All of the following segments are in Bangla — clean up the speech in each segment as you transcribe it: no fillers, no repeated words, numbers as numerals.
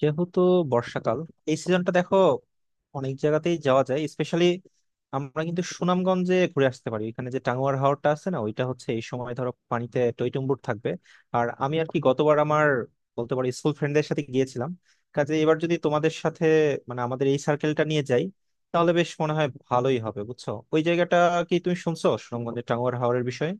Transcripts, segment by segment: যেহেতু বর্ষাকাল, এই সিজনটা দেখো অনেক জায়গাতেই যাওয়া যায়। স্পেশালি আমরা কিন্তু সুনামগঞ্জে ঘুরে আসতে পারি। এখানে যে টাঙ্গুয়ার হাওরটা আছে না, ওইটা হচ্ছে এই সময় ধরো পানিতে টইটুম্বুর থাকবে। আর আমি আর কি গতবার আমার, বলতে পারি, স্কুল ফ্রেন্ডদের সাথে গিয়েছিলাম। কাজে এবার যদি তোমাদের সাথে, মানে আমাদের এই সার্কেলটা নিয়ে যাই, তাহলে বেশ মনে হয় ভালোই হবে বুঝছো। ওই জায়গাটা কি তুমি শুনছো সুনামগঞ্জের টাঙ্গুয়ার হাওরের বিষয়ে?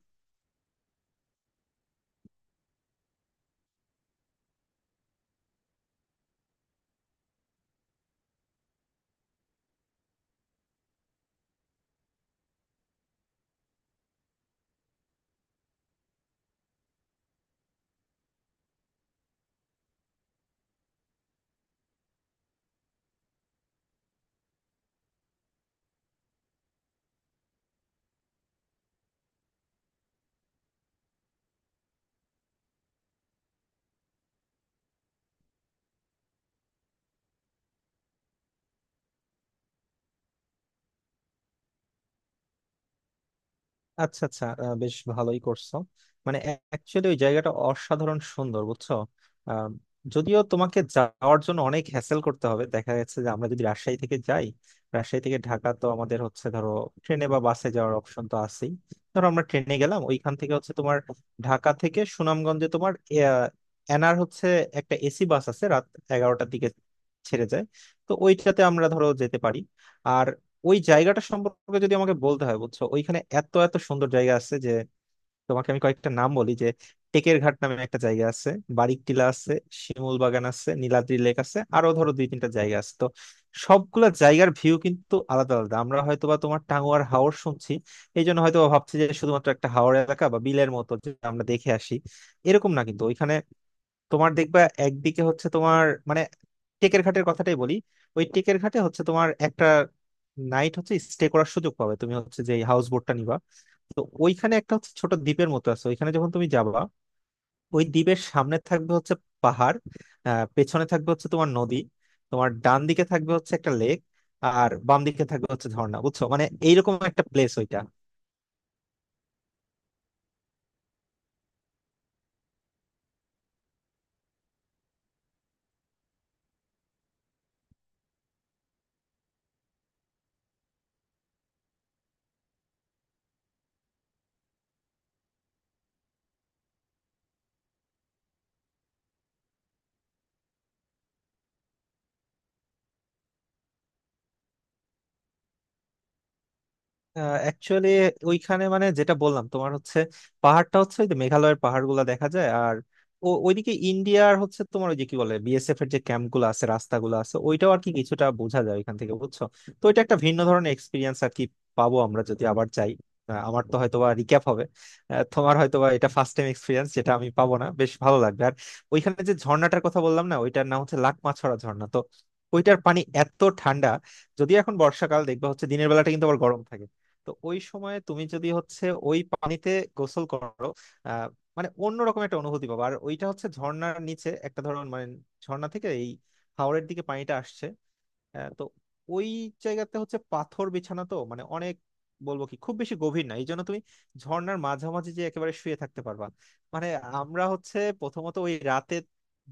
আচ্ছা, আচ্ছা, বেশ ভালোই করছো। মানে অ্যাকচুয়ালি ওই জায়গাটা অসাধারণ সুন্দর বুঝছো। আহ, যদিও তোমাকে যাওয়ার জন্য অনেক হ্যাসেল করতে হবে। দেখা যাচ্ছে যে আমরা যদি রাজশাহী থেকে যাই, রাজশাহী থেকে ঢাকা তো আমাদের হচ্ছে ধরো ট্রেনে বা বাসে যাওয়ার অপশন তো আছেই। ধরো আমরা ট্রেনে গেলাম, ওইখান থেকে হচ্ছে তোমার ঢাকা থেকে সুনামগঞ্জে তোমার এনার হচ্ছে একটা এসি বাস আছে রাত 11টার দিকে ছেড়ে যায়। তো ওইটাতে আমরা ধরো যেতে পারি। আর ওই জায়গাটা সম্পর্কে যদি আমাকে বলতে হয় বুঝছো, ওইখানে এত এত সুন্দর জায়গা আছে যে তোমাকে আমি কয়েকটা নাম বলি। যে টেকের ঘাট নামে একটা জায়গা আছে, বারিক টিলা আছে, শিমুল বাগান আছে, নীলাদ্রি লেক আছে, আরো ধরো দুই তিনটা জায়গা আছে। তো সবগুলা জায়গার ভিউ কিন্তু আলাদা আলাদা। আমরা হয়তোবা তোমার টাঙ্গুয়ার হাওর শুনছি এই জন্য হয়তো ভাবছি যে শুধুমাত্র একটা হাওর এলাকা বা বিলের মতো যে আমরা দেখে আসি, এরকম না কিন্তু। ওইখানে তোমার দেখবা একদিকে হচ্ছে তোমার, মানে টেকের ঘাটের কথাটাই বলি, ওই টেকের ঘাটে হচ্ছে তোমার একটা নাইট হচ্ছে স্টে করার সুযোগ পাবে। তুমি হচ্ছে যে হাউস বোটটা নিবা, তো ওইখানে একটা হচ্ছে ছোট দ্বীপের মতো আছে। ওইখানে যখন তুমি যাবা, ওই দ্বীপের সামনে থাকবে হচ্ছে পাহাড়, পেছনে থাকবে হচ্ছে তোমার নদী, তোমার ডান দিকে থাকবে হচ্ছে একটা লেক, আর বাম দিকে থাকবে হচ্ছে ঝর্ণা। বুঝছো মানে এইরকম একটা প্লেস ওইটা। অ্যাকচুয়ালি ওইখানে মানে যেটা বললাম তোমার হচ্ছে পাহাড়টা হচ্ছে ওই যে মেঘালয়ের পাহাড়গুলো দেখা যায়। আর ওইদিকে ইন্ডিয়ার হচ্ছে তোমার ওই যে কি বলে বিএসএফ এর যে ক্যাম্প গুলো আছে, রাস্তাগুলো আছে, ওইটাও আর কি কিছুটা বোঝা যায় ওইখান থেকে বুঝছো। তো এটা একটা ভিন্ন ধরনের এক্সপিরিয়েন্স আর কি পাবো আমরা যদি আবার যাই। আমার তো হয়তোবা রিক্যাপ হবে, তোমার হয়তোবা এটা ফার্স্ট টাইম এক্সপিরিয়েন্স যেটা আমি পাবো না, বেশ ভালো লাগবে। আর ওইখানে যে ঝর্ণাটার কথা বললাম না ওইটার নাম হচ্ছে লাকমাছড়া ঝর্ণা। তো ওইটার পানি এত ঠান্ডা, যদি এখন বর্ষাকাল দেখবা হচ্ছে দিনের বেলাটা কিন্তু আবার গরম থাকে। তো ওই সময় তুমি যদি হচ্ছে ওই পানিতে গোসল করো, আহ মানে অন্যরকম একটা অনুভূতি পাবো। আর ওইটা হচ্ছে ঝর্ণার নিচে একটা ধরন মানে ঝর্ণা থেকে এই হাওরের দিকে পানিটা আসছে। হ্যাঁ, তো ওই জায়গাতে হচ্ছে পাথর বিছানা, তো মানে অনেক, বলবো কি খুব বেশি গভীর না। এই জন্য তুমি ঝর্ণার মাঝামাঝি যে একেবারে শুয়ে থাকতে পারবা। মানে আমরা হচ্ছে প্রথমত ওই রাতে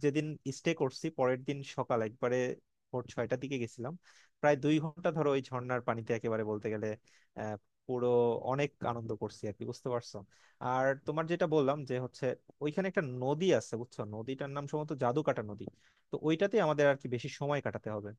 যেদিন স্টে করছি পরের দিন সকাল একবারে ভোর 6টার দিকে গেছিলাম। প্রায় 2 ঘন্টা ধরো ওই ঝর্ণার পানিতে একেবারে বলতে গেলে আহ পুরো অনেক আনন্দ করছি আর কি বুঝতে পারছো। আর তোমার যেটা বললাম যে হচ্ছে ওইখানে একটা নদী আছে বুঝছো, নদীটার নাম সম্ভবত জাদুকাটা নদী। তো ওইটাতে আমাদের আর কি বেশি সময় কাটাতে হবে।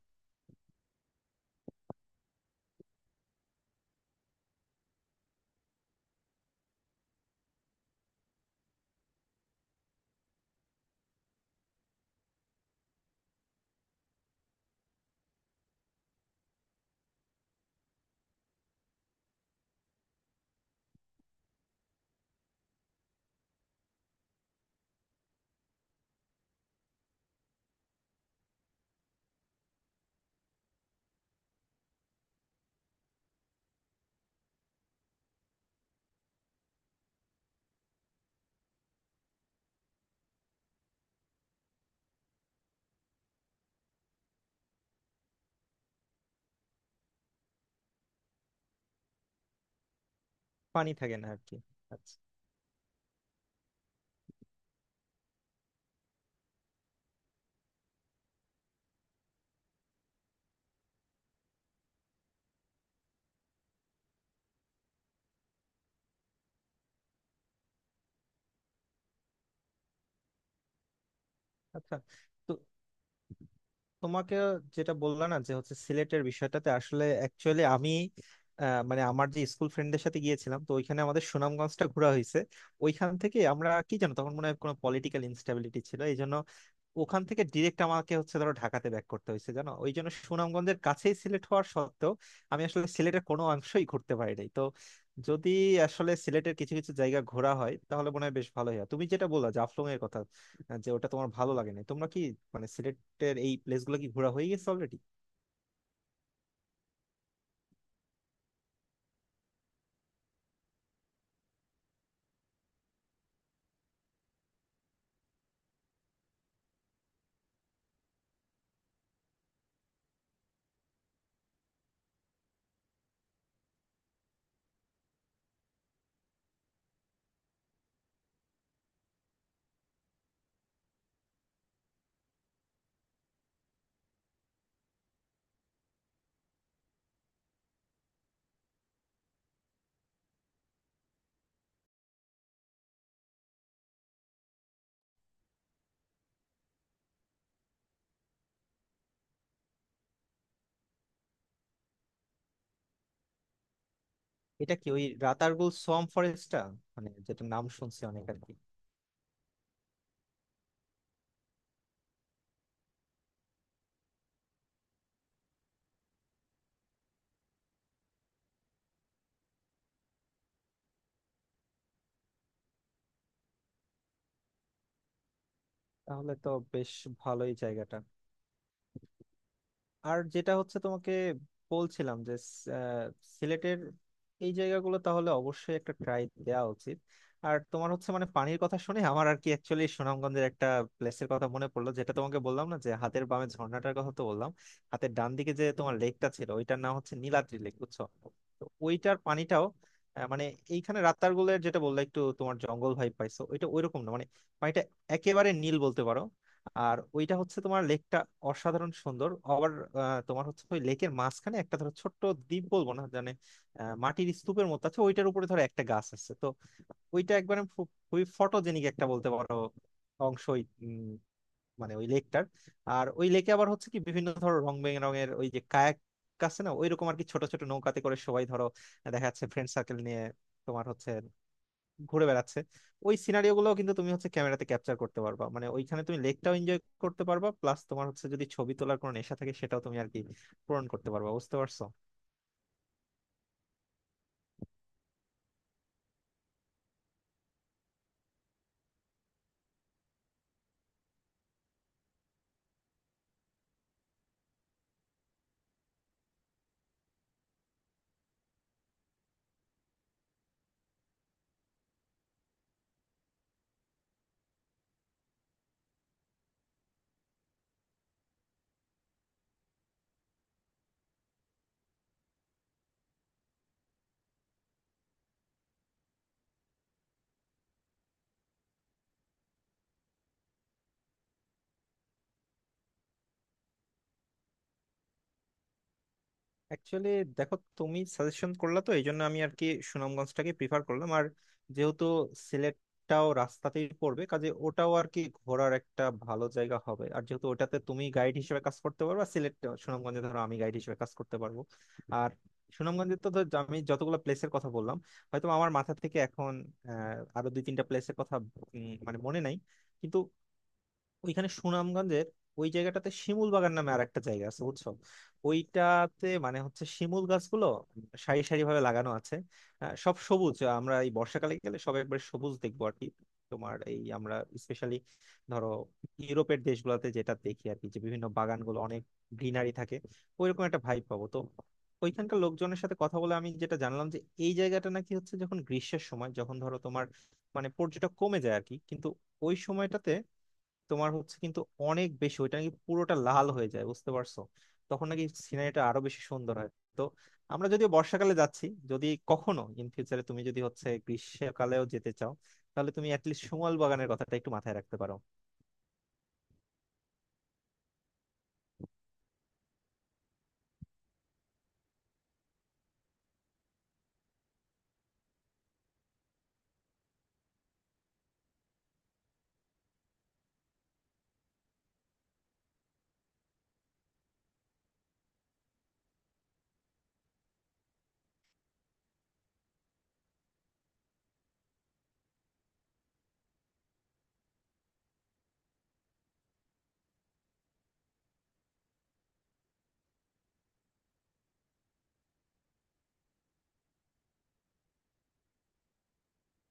পানি থাকে না আর কি। আচ্ছা। আচ্ছা, তো তোমাকে যেটা বললাম না যে হচ্ছে সিলেটের বিষয়টাতে আসলে অ্যাকচুয়ালি আমি, মানে আমার যে স্কুল ফ্রেন্ডদের সাথে গিয়েছিলাম, তো ওইখানে আমাদের সুনামগঞ্জটা ঘোরা হয়েছে। ওইখান থেকে আমরা কি জানো তখন মনে হয় কোনো পলিটিক্যাল ইনস্টেবিলিটি ছিল এই জন্য ওখান থেকে ডিরেক্ট আমাকে হচ্ছে ধরো ঢাকাতে ব্যাক করতে হয়েছে জানো। ওই জন্য সুনামগঞ্জের কাছেই সিলেট হওয়ার সত্ত্বেও আমি আসলে সিলেটের কোনো অংশই ঘুরতে পারি নাই। তো যদি আসলে সিলেটের কিছু কিছু জায়গা ঘোরা হয় তাহলে মনে হয় বেশ ভালোই হয়। তুমি যেটা বললা জাফলং এর কথা, যে ওটা তোমার ভালো লাগে না, তোমরা কি মানে এর এই প্লেসগুলো কি ঘোরা হয়ে গেছে অলরেডি? এটা কি ওই রাতারগুল সোয়াম ফরেস্টটা, মানে যেটা নাম শুনছি অনেক আর কি? তাহলে তো বেশ ভালোই জায়গাটা। আর যেটা হচ্ছে তোমাকে বলছিলাম যে আহ, সিলেটের এই জায়গাগুলো তাহলে অবশ্যই একটা ট্রাই দেওয়া উচিত। আর তোমার হচ্ছে মানে পানির কথা শুনে আমার আর কি অ্যাকচুয়ালি সুনামগঞ্জের একটা প্লেসের কথা মনে পড়লো। যেটা তোমাকে বললাম না যে হাতের বামে ঝর্ণাটার কথা তো বললাম, হাতের ডান দিকে যে তোমার লেকটা ছিল ওইটার নাম হচ্ছে নীলাদ্রি লেক বুঝছো। তো ওইটার পানিটাও মানে এইখানে রাতারগুলের যেটা বললে একটু তোমার জঙ্গল ভাই পাইছো, ওইটা ওইরকম না মানে পানিটা একেবারে নীল বলতে পারো। আর ওইটা হচ্ছে তোমার লেকটা অসাধারণ সুন্দর আবার তোমার হচ্ছে ওই লেকের মাঝখানে একটা ধরো ছোট্ট দ্বীপ বলবো না জানে, মাটির স্তূপের মতো আছে। ওইটার উপরে ধরো একটা গাছ আছে। তো ওইটা একবার খুবই ফটোজেনিক একটা বলতে পারো অংশ ওই, মানে ওই লেকটার। আর ওই লেকে আবার হচ্ছে কি বিভিন্ন ধরো রং বেরঙের ওই যে কায়াক আছে না, ওইরকম আর কি ছোট ছোট নৌকাতে করে সবাই ধরো দেখা যাচ্ছে ফ্রেন্ড সার্কেল নিয়ে তোমার হচ্ছে ঘুরে বেড়াচ্ছে। ওই সিনারিও গুলো কিন্তু তুমি হচ্ছে ক্যামেরাতে ক্যাপচার করতে পারবা। মানে ওইখানে তুমি লেকটাও এনজয় করতে পারবা, প্লাস তোমার হচ্ছে যদি ছবি তোলার কোনো নেশা থাকে সেটাও তুমি আর কি পূরণ করতে পারবা বুঝতে পারছো। অ্যাকচুয়ালি দেখো তুমি সাজেশন করলা তো এই জন্য আমি আর কি সুনামগঞ্জটাকে প্রিফার করলাম। আর যেহেতু সিলেটটাও রাস্তাতেই পড়বে কাজে ওটাও আর কি ঘোরার একটা ভালো জায়গা হবে। আর যেহেতু ওটাতে তুমি গাইড হিসেবে কাজ করতে পারবে আর সিলেট সুনামগঞ্জে ধরো আমি গাইড হিসেবে কাজ করতে পারবো। আর সুনামগঞ্জে তো ধর আমি যতগুলো প্লেসের কথা বললাম হয়তো আমার মাথা থেকে এখন আরো দুই তিনটা প্লেসের কথা মানে মনে নাই। কিন্তু ওইখানে সুনামগঞ্জের ওই জায়গাটাতে শিমুল বাগান নামে আর একটা জায়গা আছে বুঝছো। ওইটাতে মানে হচ্ছে শিমুল গাছগুলো সারি সারি ভাবে লাগানো আছে। সব সবুজ, আমরা এই বর্ষাকালে গেলে সব একবারে সবুজ দেখবো আর কি। তোমার এই আমরা স্পেশালি ধরো ইউরোপের দেশগুলোতে যেটা দেখি আর কি যে বিভিন্ন বাগানগুলো অনেক গ্রিনারি থাকে, ওইরকম একটা ভাইব পাবো। তো ওইখানকার লোকজনের সাথে কথা বলে আমি যেটা জানলাম যে এই জায়গাটা নাকি হচ্ছে যখন গ্রীষ্মের সময় যখন ধরো তোমার মানে পর্যটক কমে যায় আর কি, কিন্তু ওই সময়টাতে তোমার হচ্ছে কিন্তু অনেক বেশি ওইটা নাকি পুরোটা লাল হয়ে যায় বুঝতে পারছো। তখন নাকি সিনারিটা আরো বেশি সুন্দর হয়। তো আমরা যদি বর্ষাকালে যাচ্ছি, যদি কখনো ইন ফিউচারে তুমি যদি হচ্ছে গ্রীষ্মকালেও যেতে চাও তাহলে তুমি অ্যাটলিস্ট সমল বাগানের কথাটা একটু মাথায় রাখতে পারো।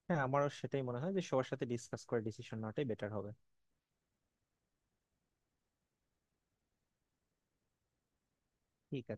হ্যাঁ, আমারও সেটাই মনে হয় যে সবার সাথে ডিসকাস করে ডিসিশন নেওয়াটাই বেটার হবে। ঠিক আছে।